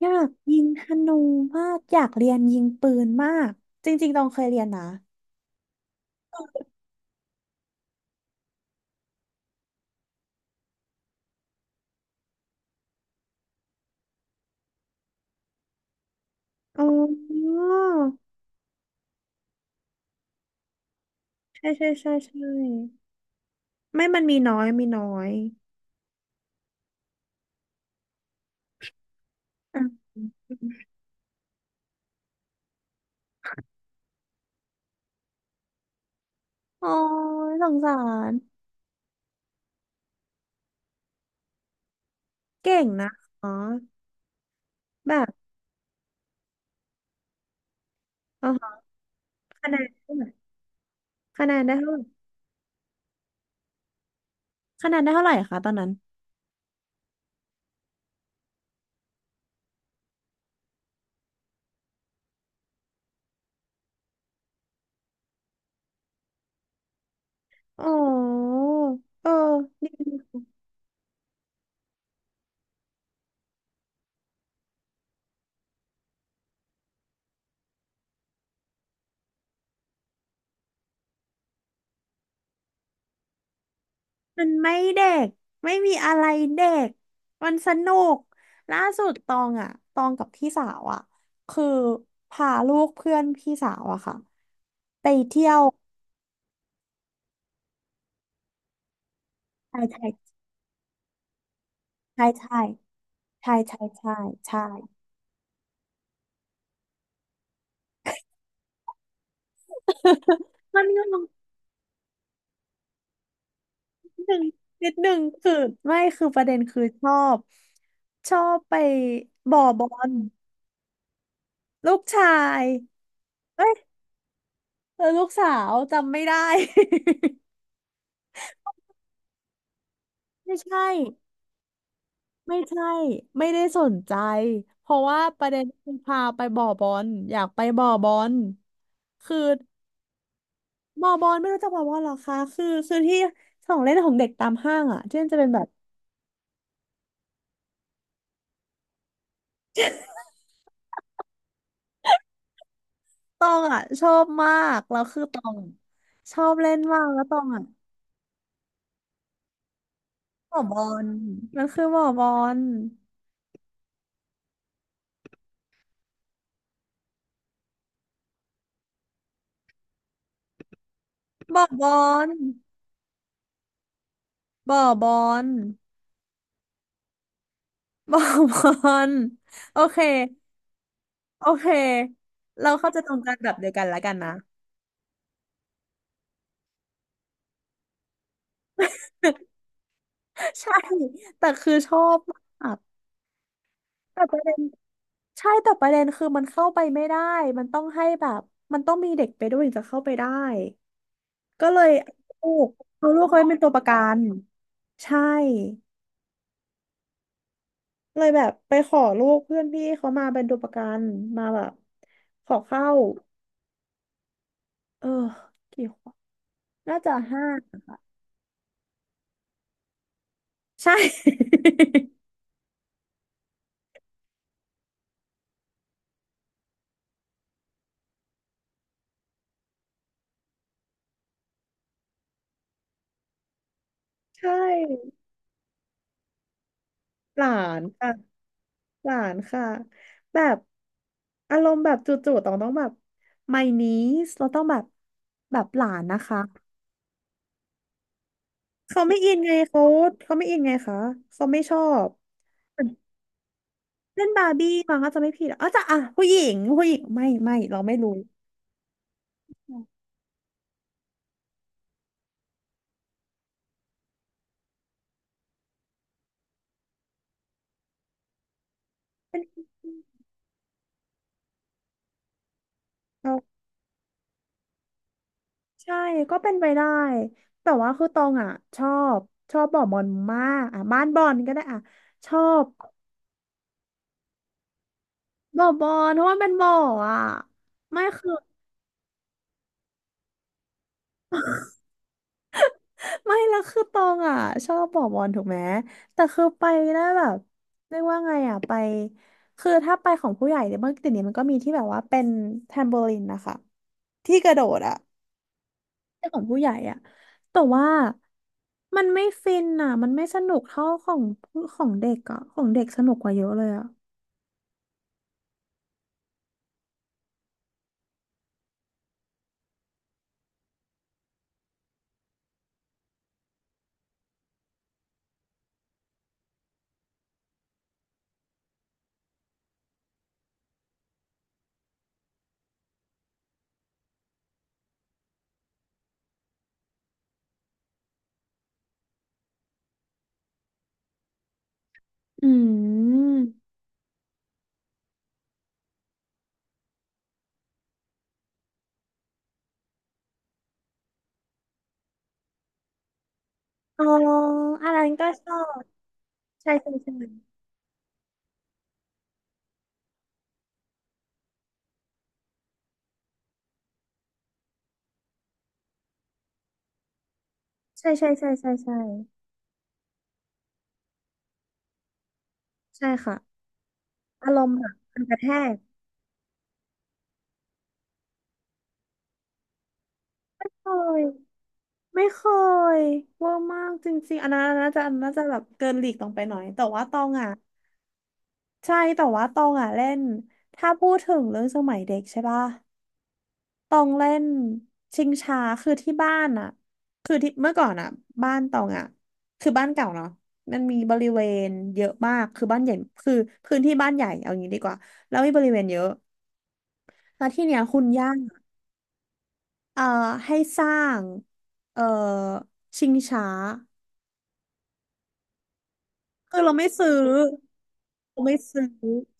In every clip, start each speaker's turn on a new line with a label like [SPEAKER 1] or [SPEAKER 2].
[SPEAKER 1] อยากยิงธนูมากอยากเรียนยิงปืนมากจริงๆตองเคยเรียนนะอ๋อใช่ใช่ใช่ใช่ไม่มันมีน้อยอ่ะโอ้ยสงสารเก่งนะอ๋อแบบอ๋อคะแนนเท่าไหร่คะแนนได้เท่าไหร่คะแนนได้เท่าไหร่คะตอนนั้นอ๋อเออ มันไม่เด็กไม่มีอะไรเด็กมันสนุกล่าสุดตองอ่ะตองกับพี่สาวอ่ะคือพาลูกเพื่อนพี่สาวอะค่ะไปเที่ยวใช่ใช่ใช่ใช่ใช่ใช่ใช่ ใช่ มันงงนิดหนึ่งนิดหนึ่งคือไม่คือประเด็นคือชอบชอบไปบ่อบอลลูกชายเอ้ยเออลูกสาวจำไม่ได้ ไม่ใช่ ไม่ใช่ไม่ได้สนใจเพราะว่าประเด็นคือพาไปบ่อบอลอยากไปบ่อบอลคือบ่อบอลไม่รู้จักบ่อบอลเหรอคะคือที่ของเล่นของเด็กตามห้างอ่ะที่มันจะเป็นแบบตองอ่ะชอบมากแล้วคือตองอะชอบเล่นมากแล้วตองอ่ะบ่อบอลมันคือบ่อบอลบ่อบอลบ่อบอลบ่อบอลโอเคโอเคเราเข้าใจตรงกันแบบเดียวกันแล้วกันนะ ใช่แต่คือชอบมากแต่ประเด็นใช่แต่ประเด็นคือมันเข้าไปไม่ได้มันต้องให้แบบมันต้องมีเด็กไปด้วยถึงจะเข้าไปได้ก็เลยเอาลูกเอาลูกเขาไปเป็นตัวประกันใช่เลยแบบไปขอลูกเพื่อนพี่เขามาเป็นตัวประกันมาแบบขอเข้าเออกี่ขวบน่าจะห้าใช่ ใช่หลานค่ะ หลานค่ะแบบอารมณ์แบบจู่ๆต้องแบบ my niece เราต้องแบบแบบหลานนะคะเขาไม่อินไงเขาเขาไม่อินไงคะเขาไม่ชอบเล่นบาร์บี้มั้งก็จะไม่ผิดอะอ๋อจะอ่ะผู้หญิงผู้หญิงไม่เราไม่รู้ เป็นเอาใช่ก็เป็นไปได้แต่ว่าคือตองอ่ะชอบชอบบ่อบอลมากอ่ะบ้านบอลก็ได้อ่ะชอบบ่อบอลเพราะว่าเป็นบ่ออ่ะไม่คือ ไม่แล้วคือตองอ่ะชอบบอกบอลถูกไหมแต่คือไปนะแบบเรียกว่าไงอ่ะไปคือถ้าไปของผู้ใหญ่เนี่ยเมื่อกี้นี้มันก็มีที่แบบว่าเป็นแทมโบลินนะคะที่กระโดดอ่ะที่ของผู้ใหญ่อ่ะแต่ว่ามันไม่ฟินอ่ะมันไม่สนุกเท่าของผู้ของเด็กอ่ะของเด็กสนุกกว่าเยอะเลยอ่ะอืมอ๋ออันนั้นก็ชอบใช่ใช่ใช่ใช่ใช่ใช่ใช่ใช่ใช่ค่ะอารมณ์แบบมันกระแทกโอ้ย ไม่เคยเวอร์มากจริงๆอันนั้นน่าจะแบบเกินหลีกลงไปหน่อยแต่ว่าตองอ่ะใช่แต่ว่าตองอ่ะเล่นถ้าพูดถึงเรื่องสมัยเด็กใช่ป่ะตองเล่นชิงช้าคือที่บ้านอ่ะคือที่เมื่อก่อนอ่ะบ้านตองอ่ะคือบ้านเก่าเนาะมันมีบริเวณเยอะมากคือบ้านใหญ่คือพื้นที่บ้านใหญ่เอางี้ดีกว่าแล้วมีบริเวณเยอะแล้วที่เนี้ยคุณย่าเอ่อให้สร้างเอ่อชิงช้า คือเราไม่ซื้อเราไม่ซื้อ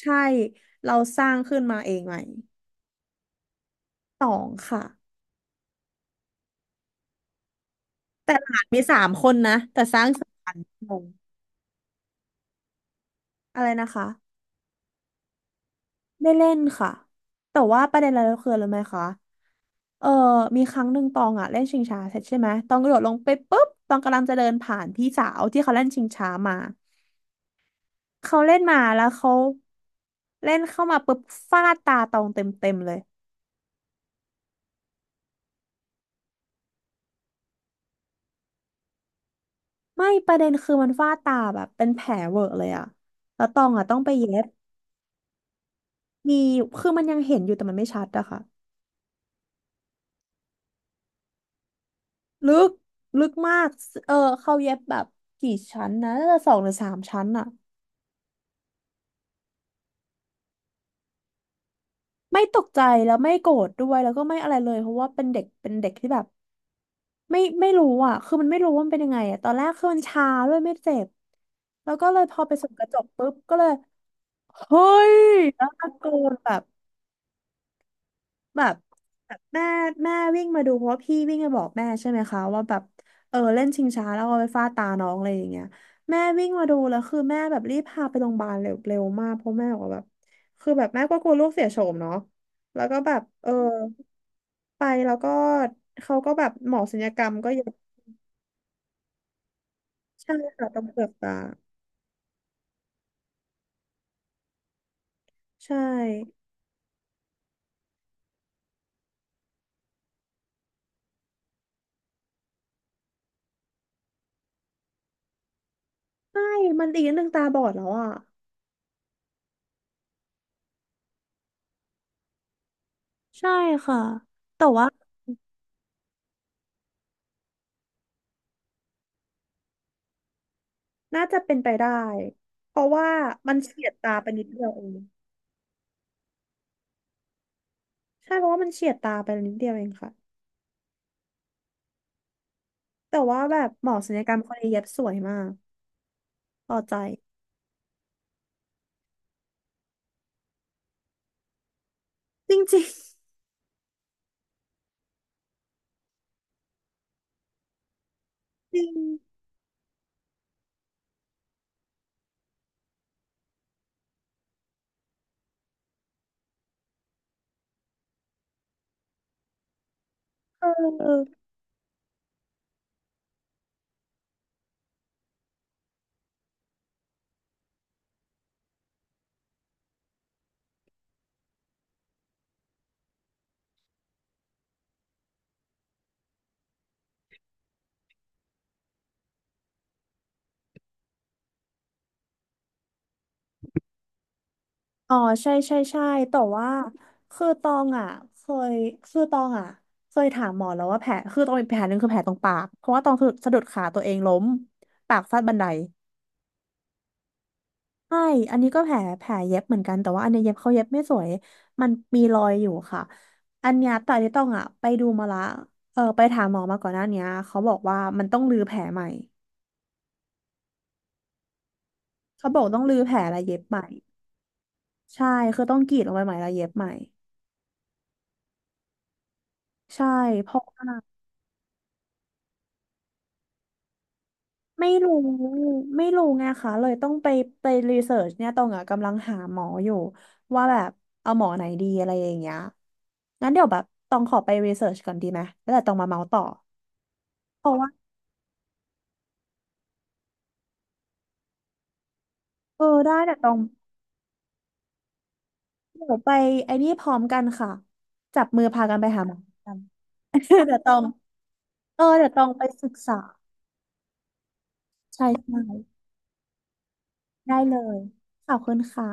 [SPEAKER 1] ใช่เราสร้างขึ้นมาเองใหม่สองค่ะแต่หลานมีสามคนนะแต่สร้างสามคนอะไรนะคะได้เล่นค่ะแต่ว่าประเด็นอะไรก็คืออะไรรู้ไหมคะเออมีครั้งหนึ่งตองอ่ะเล่นชิงช้าเสร็จใช่ไหมตองกระโดดลงไปปุ๊บตองกำลังจะเดินผ่านพี่สาวที่เขาเล่นชิงช้ามาเขาเล่นมาแล้วเขาเล่นเข้ามาปุ๊บฟาดตาตองเต็มเลย ไม่ประเด็นคือมันฝ้าตาแบบเป็นแผลเวอะเลยอะแล้วตองอะต้องไปเย็บมีคือมันยังเห็นอยู่แต่มันไม่ชัดอะค่ะลึกลึกมากเออเขาเย็บแบบกี่ชั้นนะน่าจะ2 หรือ 3 ชั้นอะไม่ตกใจแล้วไม่โกรธด้วยแล้วก็ไม่อะไรเลยเพราะว่าเป็นเด็กเป็นเด็กที่แบบไม่รู้อะคือมันไม่รู้ว่ามันเป็นยังไงอะตอนแรกคือมันชาด้วยไม่เจ็บแล้วก็เลยพอไปส่องกระจกปุ๊บก็เลยเฮ้ยแล้วตะโกนแบบ แบบแบบแม่แม่วิ่งมาดูเพราะว่าพี่วิ่งมาบอกแม่ใช่ไหมคะว่าแบบเออเล่นชิงช้าแล้วเอาไปฟาดตาน้องอะไรอย่างเงี้ยแม่วิ่งมาดูแล้วคือแม่แบบรีบพาไปโรงพยาบาลเร็วเร็วมากเพราะแม่บอกว่าแบบคือแบบแม่ก็กลัวลูกเสียโฉมเนาะแล้วก็แบบเออไปแล้วก็เขาก็แบบหมอศัลยกรรมก็เย็บใช่ค่ะตรงเปลือกตาใช่ใช่มันอีกนิดนึงตาบอดแล้วอ่ะใช่ค่ะแต่ว่า น่าจะเป็นไปได้เพราะว่ามันเฉียดตาไปนิดเดียวเองใช่เพราะว่ามันเฉียดตาไปนิดเดียวเองค่ะแต่ว่าแบบหมอศัลยกรรมคนนี้เย็บสวยมากพอใจจริงจริงจริงเออเอออ๋อใช่ใช่ใช่แต่ว่าคือตองอ่ะเคยคือตองอ่ะเคยถามหมอแล้วว่าแผลคือตองมีแผลหนึ่งคือแผลตรงปากเพราะว่าตองสะดุดขาตัวเองล้มปากฟาดบันได ใช่อันนี้ก็แผลเย็บเหมือนกัน แต่ว่าอันเนี้ยเย็บเขาเย็บไม่สวยมันมีรอยอยู่ค่ะอันเนี้ยแต่ที่ต้องอ่ะไปดูมาละ เออไปถามหมอมาก่อนหน้าเนี้ยเขาบอกว่ามันต้องรื้อแผลใหม่เขาบอกต้องรื้อแผลและเย็บใหม่ใช่คือต้องกรีดลงไปใหม่และเย็บใหม่ใช่เพราะไม่รู้ไม่รู้ไงคะเลยต้องไปไปรีเสิร์ชเนี่ยตองอ่ะกำลังหาหมออยู่ว่าแบบเอาหมอไหนดีอะไรอย่างเงี้ยงั้นเดี๋ยวแบบตองขอไปรีเสิร์ชก่อนดีไหมแล้วเดี๋ยวตองมาเมาส์ต่อ เออได้แต่ตองเดี๋ยวไปไอ้นี่พร้อมกันค่ะจับมือพากันไปหาหมอ กัน เดี๋ยวตองเดี๋ยวตองไปศึกษาใช่ใช่ได้เลยขอบคุณค่ะ